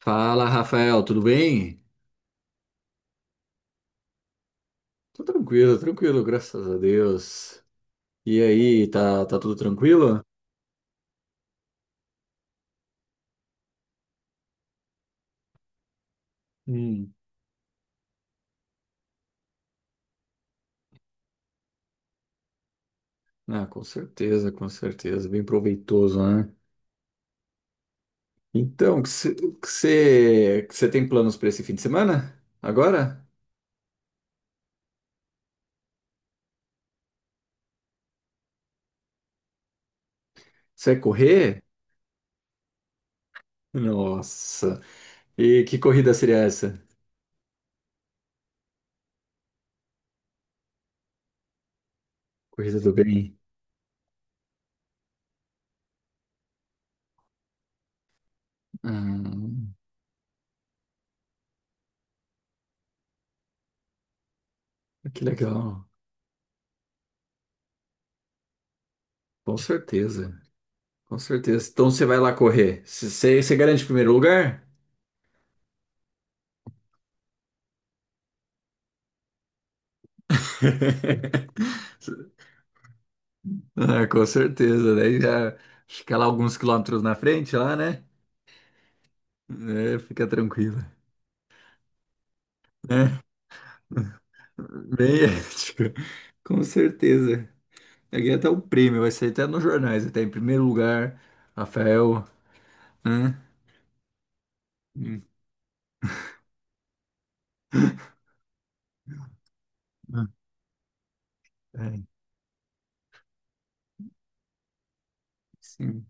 Fala, Rafael, tudo bem? Tô tranquilo, tranquilo, graças a Deus. E aí, tá tudo tranquilo? Hum. Ah, com certeza, bem proveitoso, né? Então, o que você tem planos para esse fim de semana? Agora? Você vai correr? Nossa, e que corrida seria essa? Corrida do bem. Ah, que legal, com certeza, com certeza. Então você vai lá correr. Você garante o primeiro lugar? Ah, com certeza, daí já fica lá alguns quilômetros na frente lá, né? É, fica tranquilo, né? Bem ético, com certeza. Ganhei até o prêmio, vai sair até nos jornais, até em primeiro lugar, Rafael, né? Hum, hum, é, sim,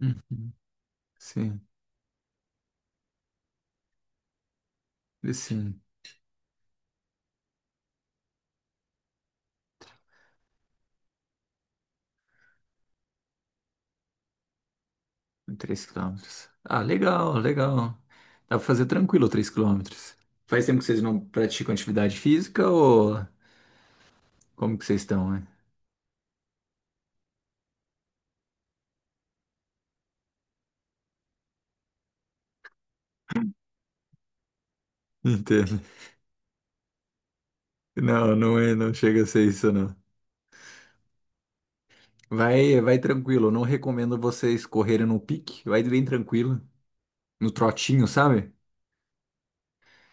uhum, sim, e sim, 3 quilômetros. Ah, legal, legal. Dá pra fazer tranquilo 3 quilômetros. Faz tempo que vocês não praticam atividade física ou como que vocês estão, né? Entendo. Não, não é, não chega a ser isso, não. Vai, vai tranquilo. Eu não recomendo vocês correrem no pique. Vai bem tranquilo. No trotinho, sabe?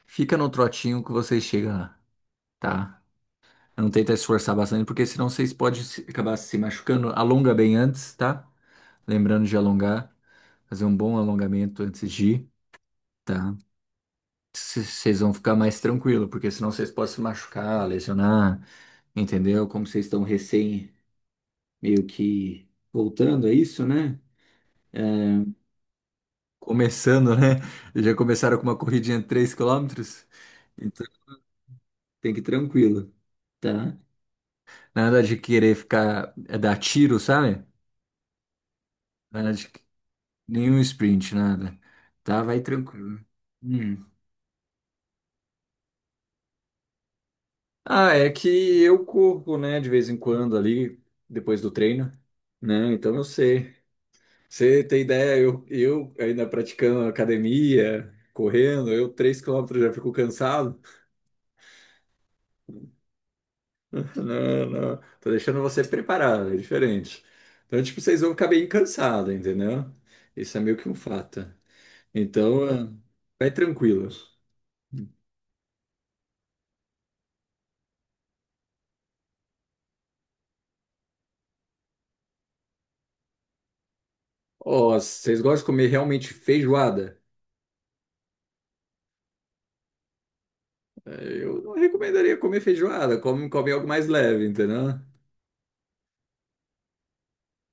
Fica no trotinho que vocês chegam lá, tá? Não tenta esforçar bastante, porque senão vocês podem acabar se machucando. Alonga bem antes, tá? Lembrando de alongar. Fazer um bom alongamento antes de ir, tá? Vocês vão ficar mais tranquilo, porque senão vocês podem se machucar, lesionar, entendeu? Como vocês estão recém, meio que voltando, é isso, né? Começando, né? Já começaram com uma corridinha de 3 quilômetros. Então tem que ir tranquilo, tá? Nada de querer ficar, é dar tiro, sabe? Nada de nenhum sprint, nada. Tá, vai tranquilo. Hum. Ah, é que eu corro, né, de vez em quando ali, depois do treino, né? Então eu sei. Você tem ideia, eu ainda praticando academia, correndo, eu 3 quilômetros já fico cansado. Não, não. Tô deixando você preparado, é diferente. Então, tipo, vocês vão ficar bem cansados, entendeu? Isso é meio que um fato. Então, vai tranquilo. Ó, vocês gostam de comer realmente feijoada? Eu não recomendaria comer feijoada. Come, come algo mais leve, entendeu?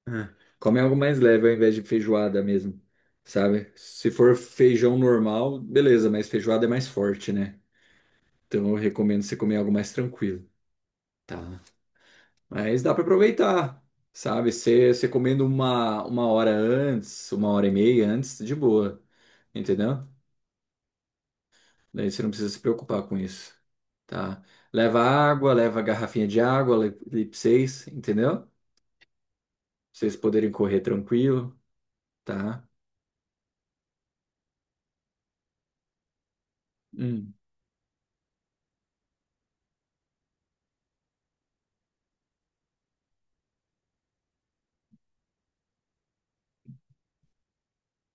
É. Come algo mais leve ao invés de feijoada mesmo, sabe? Se for feijão normal, beleza, mas feijoada é mais forte, né? Então, eu recomendo você comer algo mais tranquilo, tá? Mas dá para aproveitar, sabe? Você comendo uma hora antes, uma hora e meia antes, de boa, entendeu? Daí você não precisa se preocupar com isso, tá? Leva água, leva garrafinha de água, Lip 6, entendeu? Pra vocês poderem correr tranquilo, tá? Hum.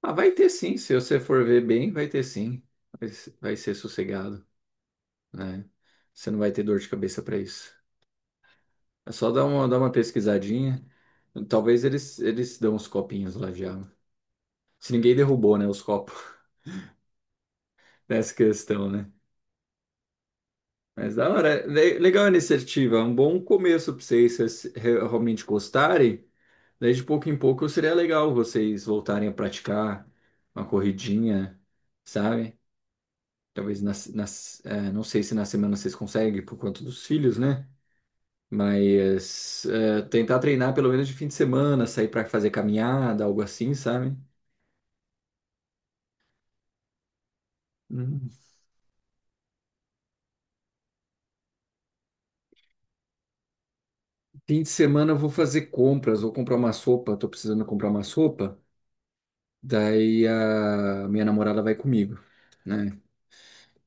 Ah, vai ter sim, se você for ver bem, vai ter sim. Vai, vai ser sossegado, né? Você não vai ter dor de cabeça para isso. É só dar uma pesquisadinha. Talvez eles dão uns copinhos lá já. Se ninguém derrubou, né, os copos nessa questão, né? Mas da hora, legal a iniciativa, é um bom começo para vocês se vocês realmente gostarem. Daí de pouco em pouco seria legal vocês voltarem a praticar uma corridinha, sabe? Talvez nas, não sei se na semana vocês conseguem por conta dos filhos, né? Mas tentar treinar pelo menos de fim de semana, sair para fazer caminhada, algo assim, sabe? Hum. Fim de semana eu vou fazer compras, vou comprar uma sopa, tô precisando comprar uma sopa. Daí a minha namorada vai comigo, né?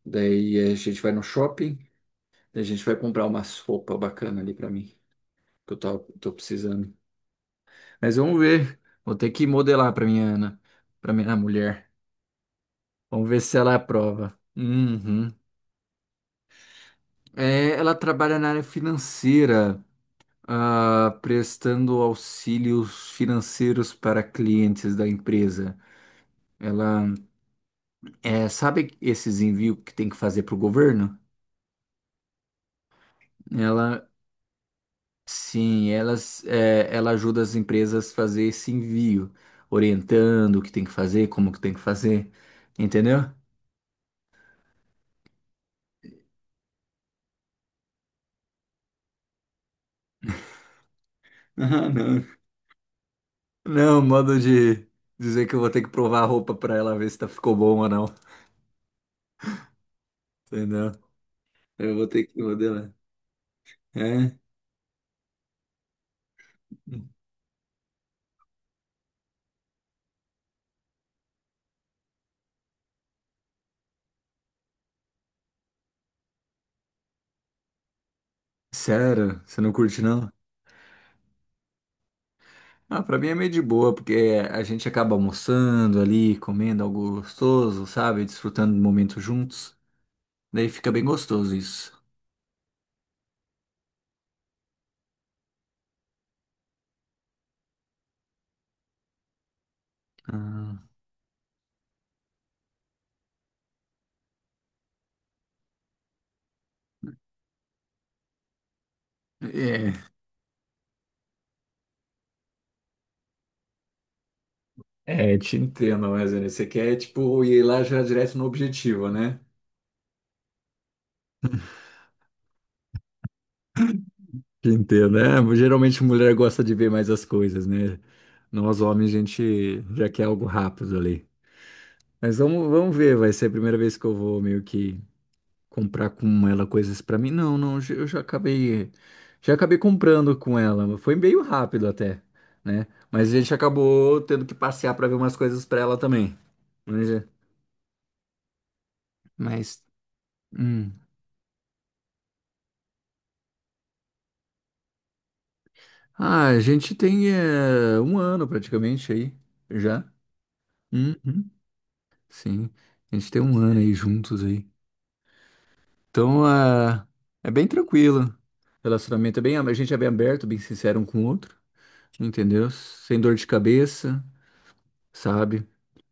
Daí a gente vai no shopping, daí a gente vai comprar umas roupas bacana ali pra mim, que eu tô precisando. Mas vamos ver, vou ter que modelar pra minha Ana, pra minha mulher. Vamos ver se ela aprova. Uhum. É, ela trabalha na área financeira, ah, prestando auxílios financeiros para clientes da empresa. Ela, é, sabe esses envios que tem que fazer para o governo? Ela, sim, elas, é, ela ajuda as empresas a fazer esse envio, orientando o que tem que fazer, como que tem que fazer, entendeu? Ah, não. Não, modo de dizer que eu vou ter que provar a roupa pra ela ver se tá ficou bom ou não, entendeu? Eu vou ter que modelar. É? Sério? Você não curte não? Ah, pra mim é meio de boa, porque a gente acaba almoçando ali, comendo algo gostoso, sabe? Desfrutando do momento juntos. Daí fica bem gostoso isso. Ah, é. É, te entendo, mas né, você quer, tipo, ir lá já direto no objetivo, né? Te entendo, né? Geralmente mulher gosta de ver mais as coisas, né? Nós homens, a gente já quer algo rápido ali. Mas vamos ver, vai ser a primeira vez que eu vou meio que comprar com ela coisas pra mim. Não, não, eu já acabei comprando com ela. Foi meio rápido até, né? Mas a gente acacabou tendo que passear pra ver umas coisas pra ela também. Mas, mas, hum. Ah, a gente tem um ano praticamente aí, já. Uhum, sim, a gente tem um ano aí juntos aí. Então, ah, é bem tranquilo. O relacionamento é bem, a gente é bem aberto, bem sincero um com o outro, entendeu? Sem dor de cabeça, sabe?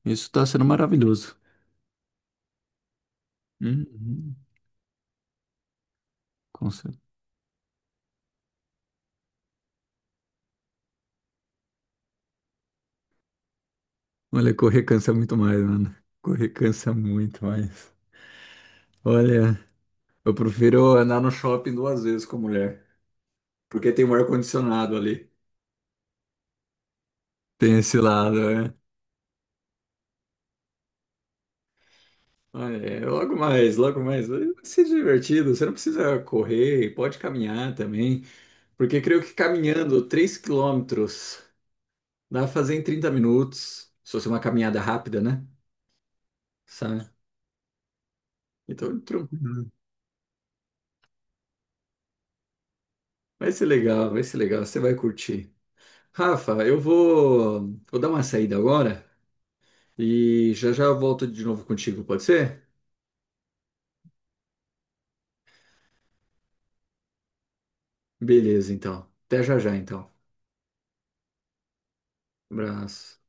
Isso tá sendo maravilhoso. Uhum, com certeza. Olha, correr cansa muito mais, mano. Correr cansa muito mais. Olha, eu prefiro andar no shopping duas vezes com a mulher, porque tem um ar-condicionado ali. Tem esse lado, né? Olha, é, logo mais, logo mais. Vai ser divertido. Você não precisa correr, pode caminhar também. Porque creio que caminhando 3 quilômetros dá pra fazer em 30 minutos. Se fosse uma caminhada rápida, né? Sabe? Então, tranquilo. Vai ser legal, vai ser legal. Você vai curtir. Rafa, eu vou dar uma saída agora e já já eu volto de novo contigo, pode ser? Beleza, então. Até já já, então. Abraço.